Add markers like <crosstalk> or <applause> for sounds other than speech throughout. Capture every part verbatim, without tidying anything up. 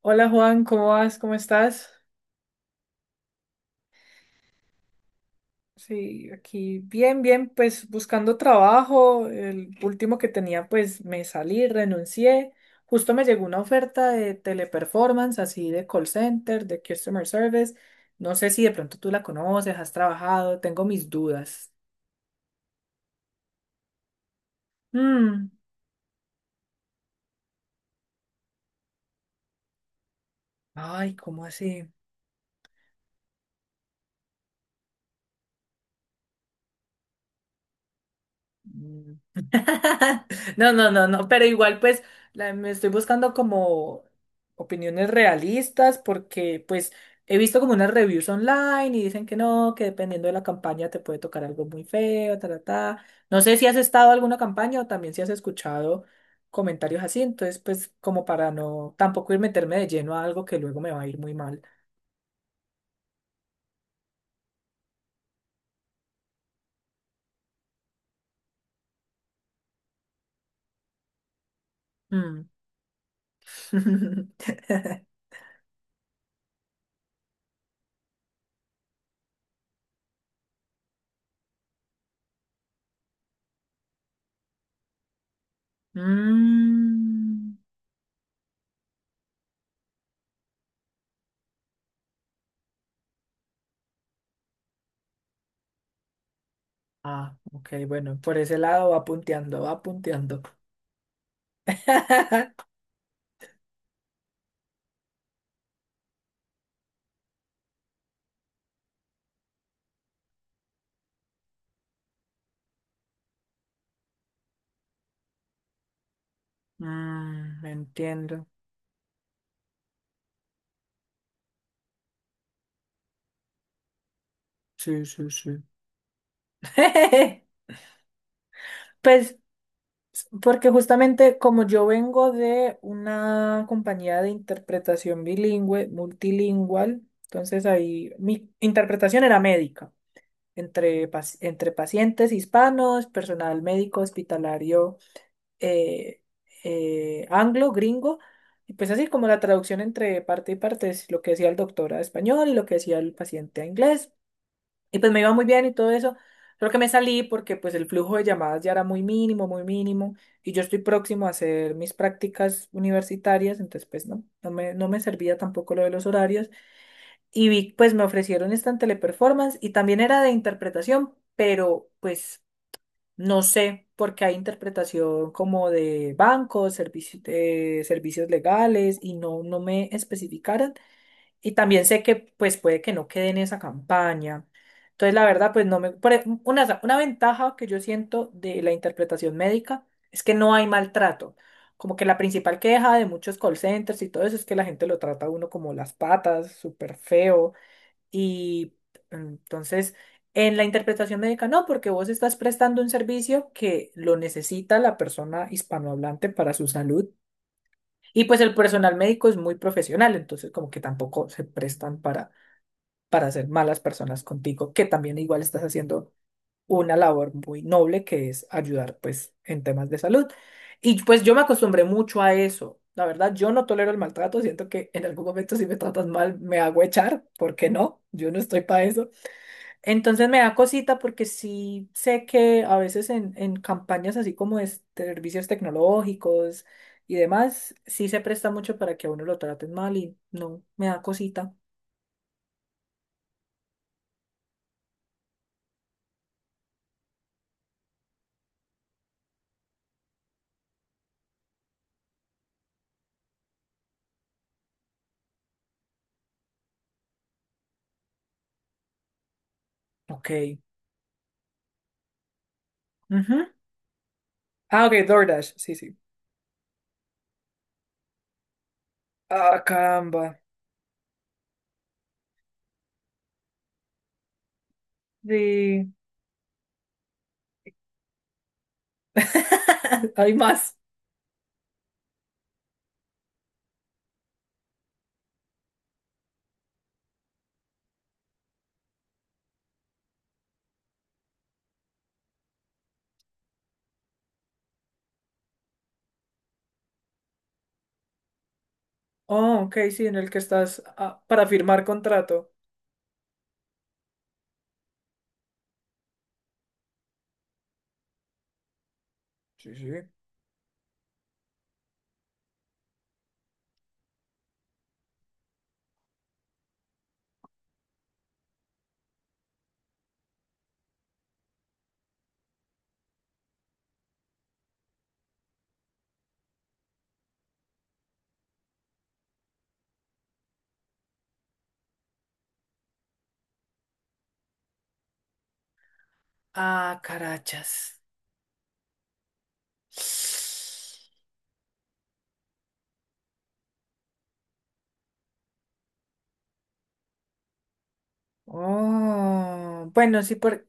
Hola Juan, ¿cómo vas? ¿Cómo estás? Sí, aquí bien, bien, pues buscando trabajo. El último que tenía, pues me salí, renuncié. Justo me llegó una oferta de Teleperformance, así de call center, de customer service. No sé si de pronto tú la conoces, has trabajado, tengo mis dudas. Mm. Ay, ¿cómo así? Mm. <laughs> No, no, no, no, pero igual pues la- me estoy buscando como opiniones realistas porque pues he visto como unas reviews online y dicen que no, que dependiendo de la campaña te puede tocar algo muy feo, ta, ta, ta. No sé si has estado en alguna campaña o también si has escuchado comentarios así, entonces pues como para no tampoco ir meterme de lleno a algo que luego me va a ir muy mal. Mm. <laughs> Mm. Ah, ok, bueno, por ese lado va punteando, va punteando. <laughs> Mm, entiendo. Sí, sí, sí. <laughs> Pues, porque justamente como yo vengo de una compañía de interpretación bilingüe, multilingual, entonces ahí mi interpretación era médica, entre, pac- entre pacientes hispanos, personal médico hospitalario. eh, eh, Anglo, gringo, y pues así como la traducción entre parte y parte es lo que decía el doctor a español y lo que decía el paciente a inglés, y pues me iba muy bien y todo eso. Creo que me salí porque pues el flujo de llamadas ya era muy mínimo, muy mínimo, y yo estoy próximo a hacer mis prácticas universitarias, entonces pues no, no me, no me servía tampoco lo de los horarios, y vi, pues me ofrecieron esta en Teleperformance y también era de interpretación, pero pues no sé, porque hay interpretación como de bancos, servici- eh, servicios legales y no, no me especificaron. Y también sé que pues puede que no quede en esa campaña. Entonces, la verdad, pues no me, por e- una, una ventaja que yo siento de la interpretación médica es que no hay maltrato. Como que la principal queja de muchos call centers y todo eso es que la gente lo trata a uno como las patas, súper feo. Y entonces, en la interpretación médica, no, porque vos estás prestando un servicio que lo necesita la persona hispanohablante para su salud. Y pues el personal médico es muy profesional, entonces como que tampoco se prestan para, para ser malas personas contigo, que también igual estás haciendo una labor muy noble que es ayudar pues en temas de salud. Y pues yo me acostumbré mucho a eso. La verdad, yo no tolero el maltrato, siento que en algún momento si me tratas mal me hago echar, ¿por qué no? Yo no estoy para eso. Entonces me da cosita porque sí sé que a veces en, en campañas así como de s- de servicios tecnológicos y demás, sí se presta mucho para que a uno lo traten mal y no, me da cosita. Ok. Ujú. Ah, ok, DoorDash, sí, sí. Ah, caramba. Sí. <laughs> Hay más. Oh, ok, sí, en el que estás ah, para firmar contrato. Sí, sí. Ah, carachas. Oh, bueno, sí, por.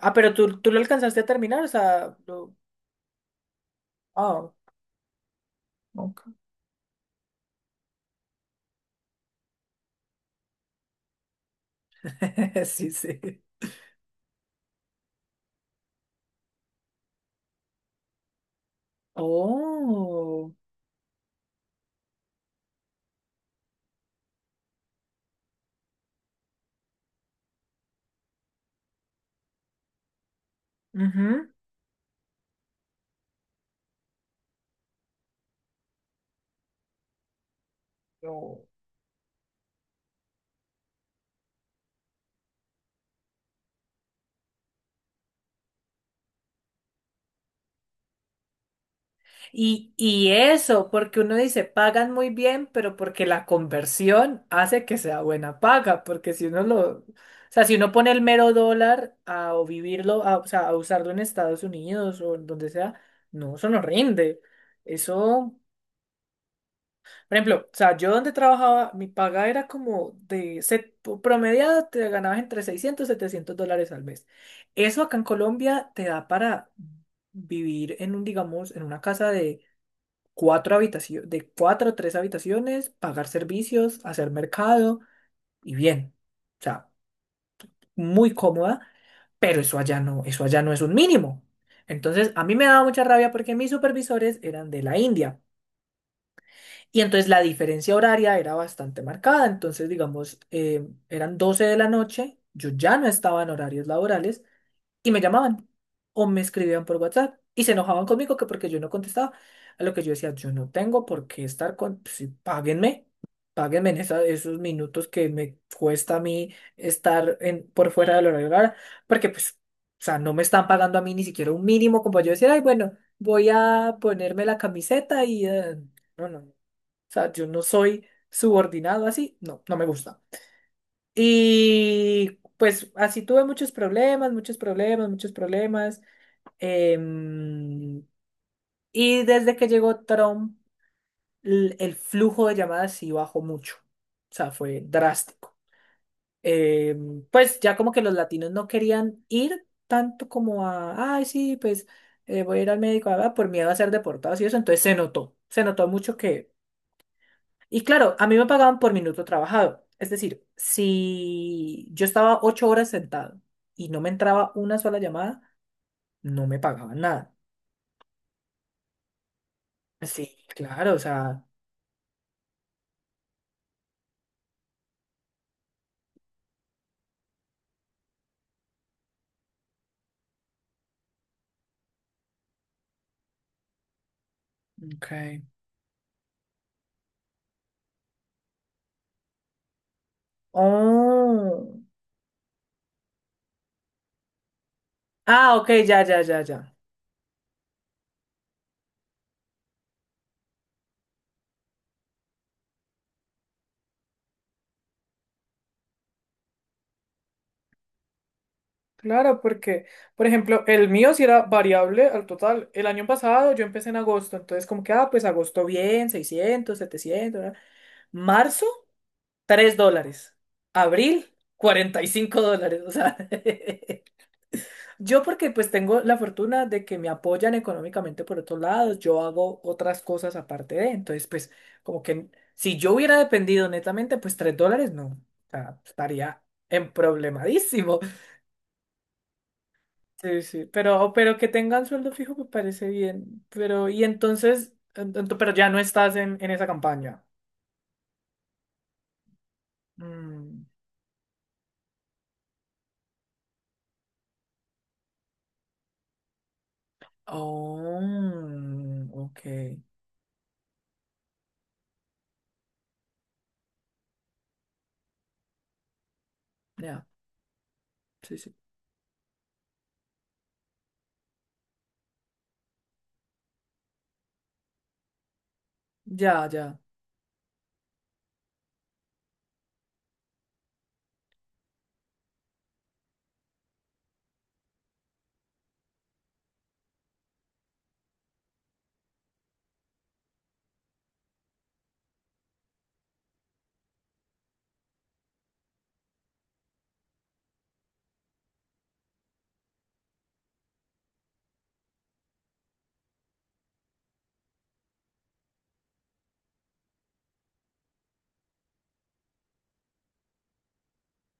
Ah, pero tú, tú lo alcanzaste a terminar, o sea, lo-. Ah, ok. <laughs> Sí, sí. Oh, ujú. No. Y, y eso, porque uno dice, pagan muy bien, pero porque la conversión hace que sea buena paga, porque si uno lo, o sea, si uno pone el mero dólar a o vivirlo, a, o sea, a usarlo en Estados Unidos o en donde sea, no, eso no rinde. Eso. Por ejemplo, o sea, yo donde trabajaba, mi paga era como de set, promediada, te ganabas entre seiscientos y setecientos dólares al mes. Eso acá en Colombia te da para vivir en un, digamos, en una casa de cuatro habitaciones, de cuatro o tres habitaciones, pagar servicios, hacer mercado y bien. O sea, muy cómoda, pero eso allá no, eso allá no es un mínimo. Entonces, a mí me daba mucha rabia porque mis supervisores eran de la India. Y entonces la diferencia horaria era bastante marcada. Entonces, digamos, eh, eran doce de la noche, yo ya no estaba en horarios laborales y me llamaban o me escribían por WhatsApp y se enojaban conmigo que porque yo no contestaba. A lo que yo decía, yo no tengo por qué estar con, si páguenme, páguenme en esa- esos minutos que me cuesta a mí estar en, por fuera del horario laboral, porque pues, o sea, no me están pagando a mí ni siquiera un mínimo como para yo decir, ay, bueno, voy a ponerme la camiseta y, eh, no, no, no. O sea, yo no soy subordinado así, no, no me gusta. Y pues así tuve muchos problemas, muchos problemas, muchos problemas. em, y desde que llegó Trump, l- el, flujo de llamadas sí bajó mucho. O sea, fue drástico. Em, pues ya como que los latinos no querían ir tanto como a, ay, sí, pues eh, voy a ir al médico, ah, por miedo a ser deportados y eso. Entonces se notó, se notó mucho que. Y claro, a mí me pagaban por minuto trabajado. Es decir, si yo estaba ocho horas sentado y no me entraba una sola llamada, no me pagaban nada. Sí, claro, o sea. Ok. Oh. Ah, ok, ya, ya, ya, ya. Claro, porque, por ejemplo, el mío sí era variable al total. El año pasado yo empecé en agosto, entonces como que, ah, pues agosto bien, seiscientos setecientos ¿verdad? Marzo, tres dólares. Abril, cuarenta y cinco dólares. O sea, <laughs> Yo porque pues tengo la fortuna de que me apoyan económicamente por otros lados, yo hago otras cosas aparte de, entonces pues como que si yo hubiera dependido netamente, pues tres dólares no, o sea, estaría en problemadísimo. Sí, sí, pero, pero que tengan sueldo fijo me parece bien, pero y entonces, en- en- pero ya no estás en, en esa campaña. Mm. Oh, ok, ya, sí, sí, ya, ya.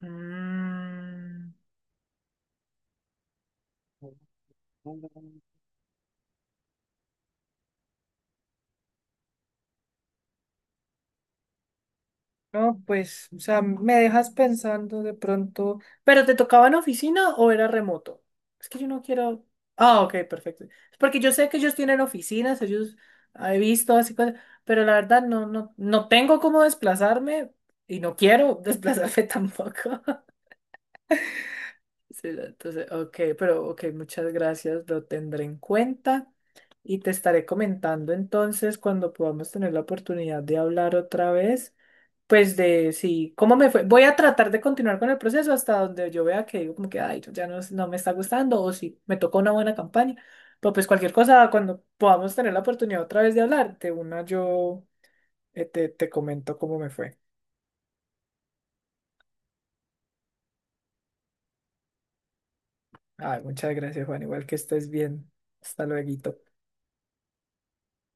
Mm. No, pues, o sea, me dejas pensando de pronto. ¿Pero te tocaba en oficina o era remoto? Es que yo no quiero. Ah, ok, perfecto. Es porque yo sé que ellos tienen oficinas, ellos he visto así cosas, pero la verdad no, no, no tengo cómo desplazarme y no quiero <laughs> desplazarme tampoco. <laughs> Sí, entonces, ok, pero ok, muchas gracias, lo tendré en cuenta y te estaré comentando entonces cuando podamos tener la oportunidad de hablar otra vez. Pues de sí, ¿cómo me fue? Voy a tratar de continuar con el proceso hasta donde yo vea que digo como que, ay, ya no, no me está gustando o si me tocó una buena campaña. Pero pues cualquier cosa, cuando podamos tener la oportunidad otra vez de hablar, de una yo eh, te, te comento cómo me fue. Ay, muchas gracias, Juan. Igual que estés bien. Hasta luego.